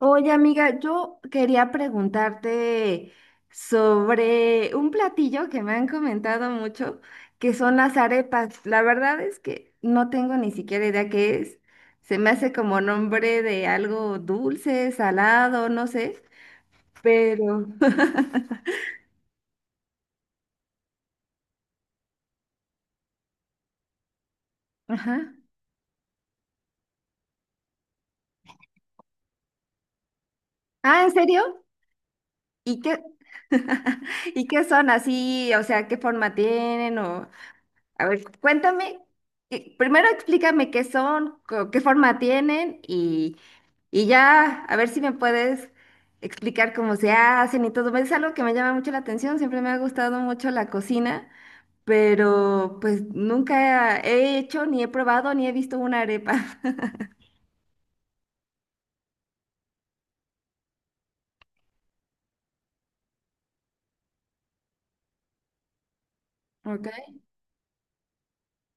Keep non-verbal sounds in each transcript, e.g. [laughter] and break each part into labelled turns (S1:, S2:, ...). S1: Oye, amiga, yo quería preguntarte sobre un platillo que me han comentado mucho, que son las arepas. La verdad es que no tengo ni siquiera idea qué es. Se me hace como nombre de algo dulce, salado, no sé, pero... [laughs] Ajá. Ah, ¿en serio? ¿Y qué? [laughs] ¿Y qué son así? O sea, ¿qué forma tienen? O... A ver, cuéntame, primero explícame qué son, qué forma tienen y ya a ver si me puedes explicar cómo se hacen y todo. Es algo que me llama mucho la atención, siempre me ha gustado mucho la cocina, pero pues nunca he hecho, ni he probado, ni he visto una arepa. [laughs] Ok.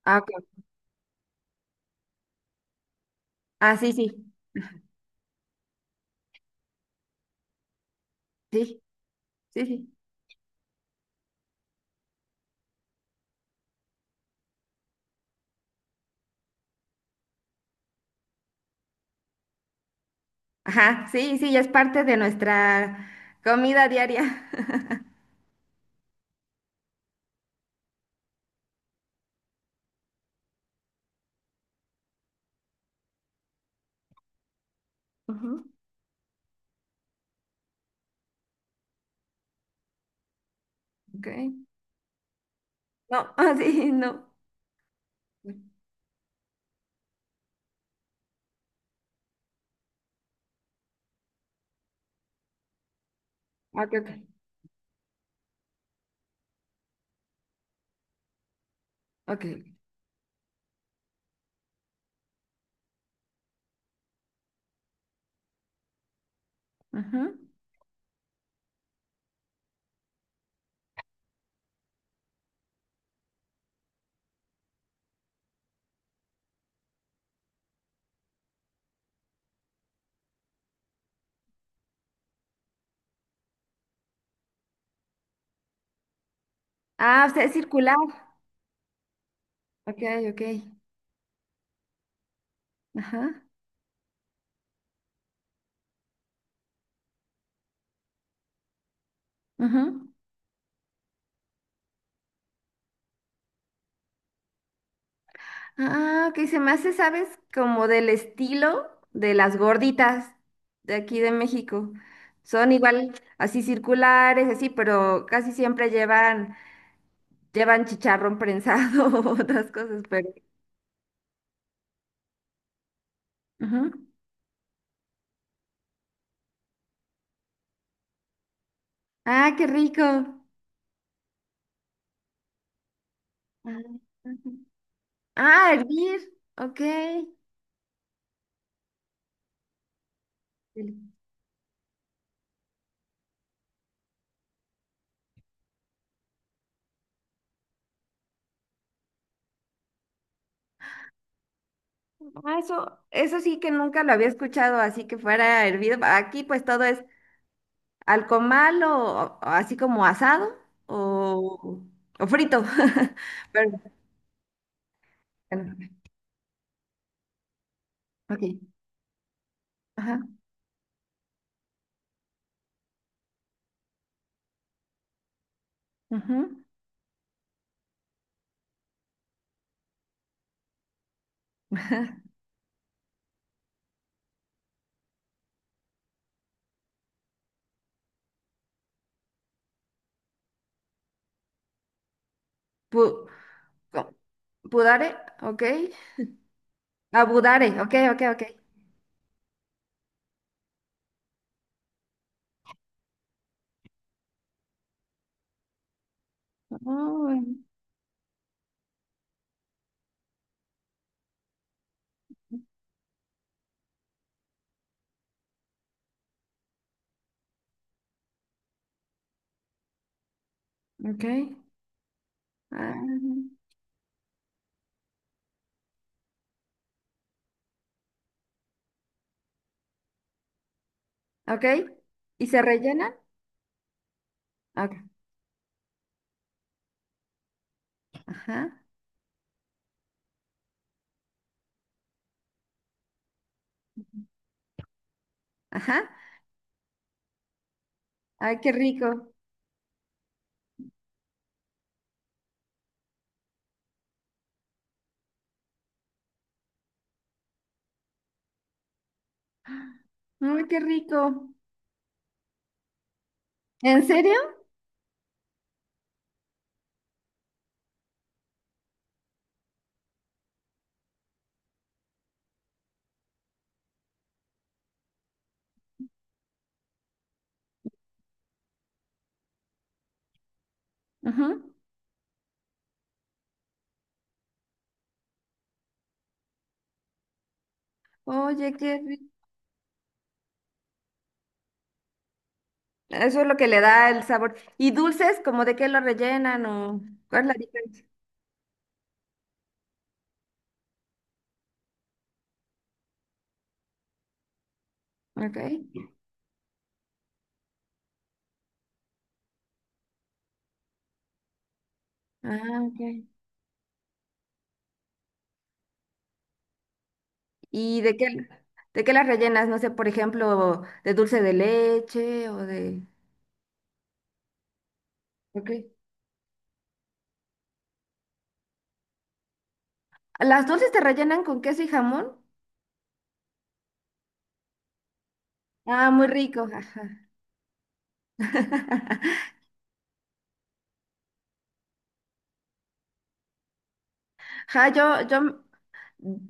S1: Ah, ok. Ah, sí, sí, sí, sí, sí. Ajá, sí, sí, ya es parte de nuestra comida diaria. [laughs] Ujú. Ok. No, [laughs] ah, sí, no. Ok, ok, ok. Ajá. Ah, o sea, es circular. Ok, ok. Ajá. Ajá. Ah, ok, se me hace, ¿sabes? Como del estilo de las gorditas de aquí de México. Son igual, así circulares, así, pero casi siempre llevan, llevan chicharrón prensado [laughs] o otras cosas, pero. Ajá. Ah, qué rico. Ah, ajá. Ah, hervir. Ok. Ah, eso sí que nunca lo había escuchado, así que fuera hervido. Aquí pues todo es al comal o así como asado o, o frito. [laughs] Pero bueno, ok. Ajá. Ujú. Pu- co- pudare, ok. Abudare, ok, ok, ok. Oh, ok. Ah, ok. ¿Y se rellenan? Ok. Ajá, ajá. Ay, qué rico. Ay, qué rico. ¿En serio? Ajá. Oye, qué rico. Eso es lo que le da el sabor. ¿Y dulces, como de qué lo rellenan o cuál es la diferencia? Ok. Ah, ok. ¿Y de qué las rellenas? No sé, por ejemplo, de dulce de leche o de... Ok. ¿Las dulces te rellenan con queso y jamón? Ah, muy rico, jaja. [laughs] Ja, yo,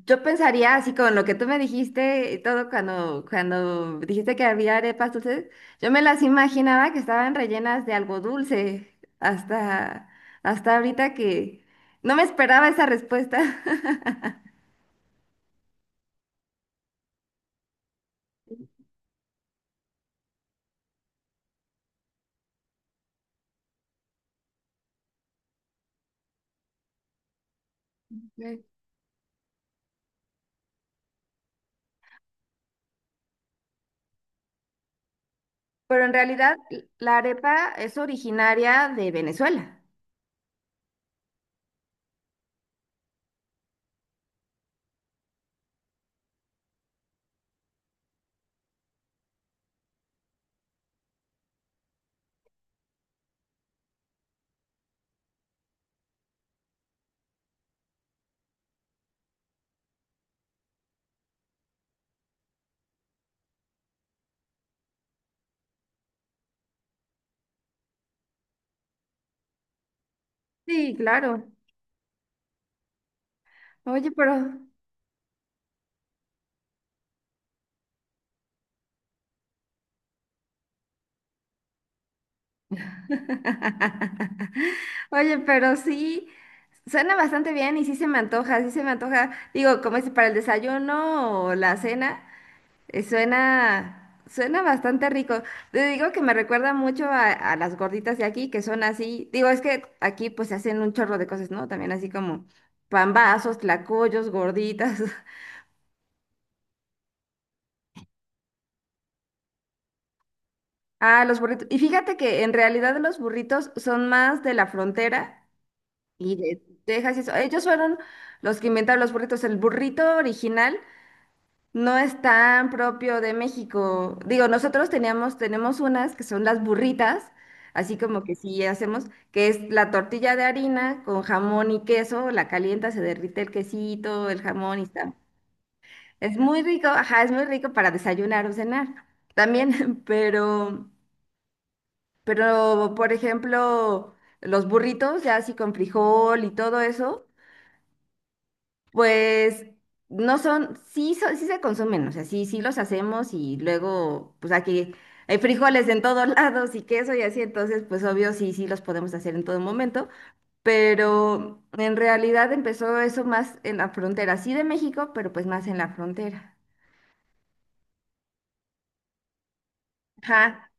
S1: yo pensaría así con lo que tú me dijiste y todo cuando dijiste que había arepas dulces, yo me las imaginaba que estaban rellenas de algo dulce hasta, hasta ahorita que no me esperaba esa respuesta. [laughs] Ok. Pero en realidad la arepa es originaria de Venezuela. Sí, claro. Oye, pero [laughs] oye, pero sí, suena bastante bien y sí se me antoja, sí se me antoja. Digo, como es para el desayuno o la cena, suena, suena bastante rico. Te digo que me recuerda mucho a las gorditas de aquí, que son así. Digo, es que aquí pues se hacen un chorro de cosas, ¿no? También así como pambazos, tlacoyos, gorditas. [laughs] Ah, los burritos. Y fíjate que en realidad los burritos son más de la frontera. Y de Texas, y eso. Ellos fueron los que inventaron los burritos. El burrito original no es tan propio de México. Digo, nosotros teníamos, tenemos unas que son las burritas, así como que sí hacemos, que es la tortilla de harina con jamón y queso, la calienta, se derrite el quesito, el jamón y está. Es muy rico, ajá, es muy rico para desayunar o cenar también, [laughs] pero, por ejemplo, los burritos ya así con frijol y todo eso. Pues no son, sí, sí se consumen, o sea, sí los hacemos y luego, pues aquí hay frijoles en todos [laughs] lados y queso y así, entonces, pues obvio, sí los podemos hacer en todo momento, pero en realidad empezó eso más en la frontera, sí de México, pero pues más en la frontera. Ajá,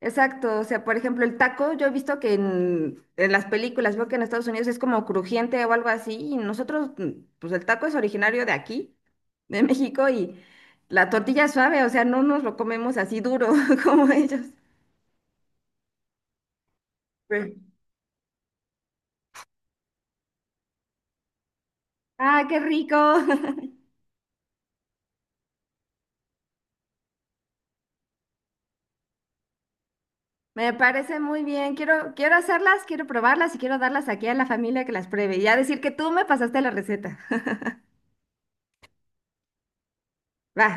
S1: exacto, o sea, por ejemplo, el taco, yo he visto que en las películas, veo que en Estados Unidos es como crujiente o algo así, y nosotros, pues el taco es originario de aquí, de México, y la tortilla es suave, o sea, no nos lo comemos así duro [laughs] como ellos. Sí. Ah, qué rico, [laughs] me parece muy bien, quiero, quiero hacerlas, quiero probarlas y quiero darlas aquí a la familia que las pruebe, y ya decir que tú me pasaste la receta. [laughs] Va.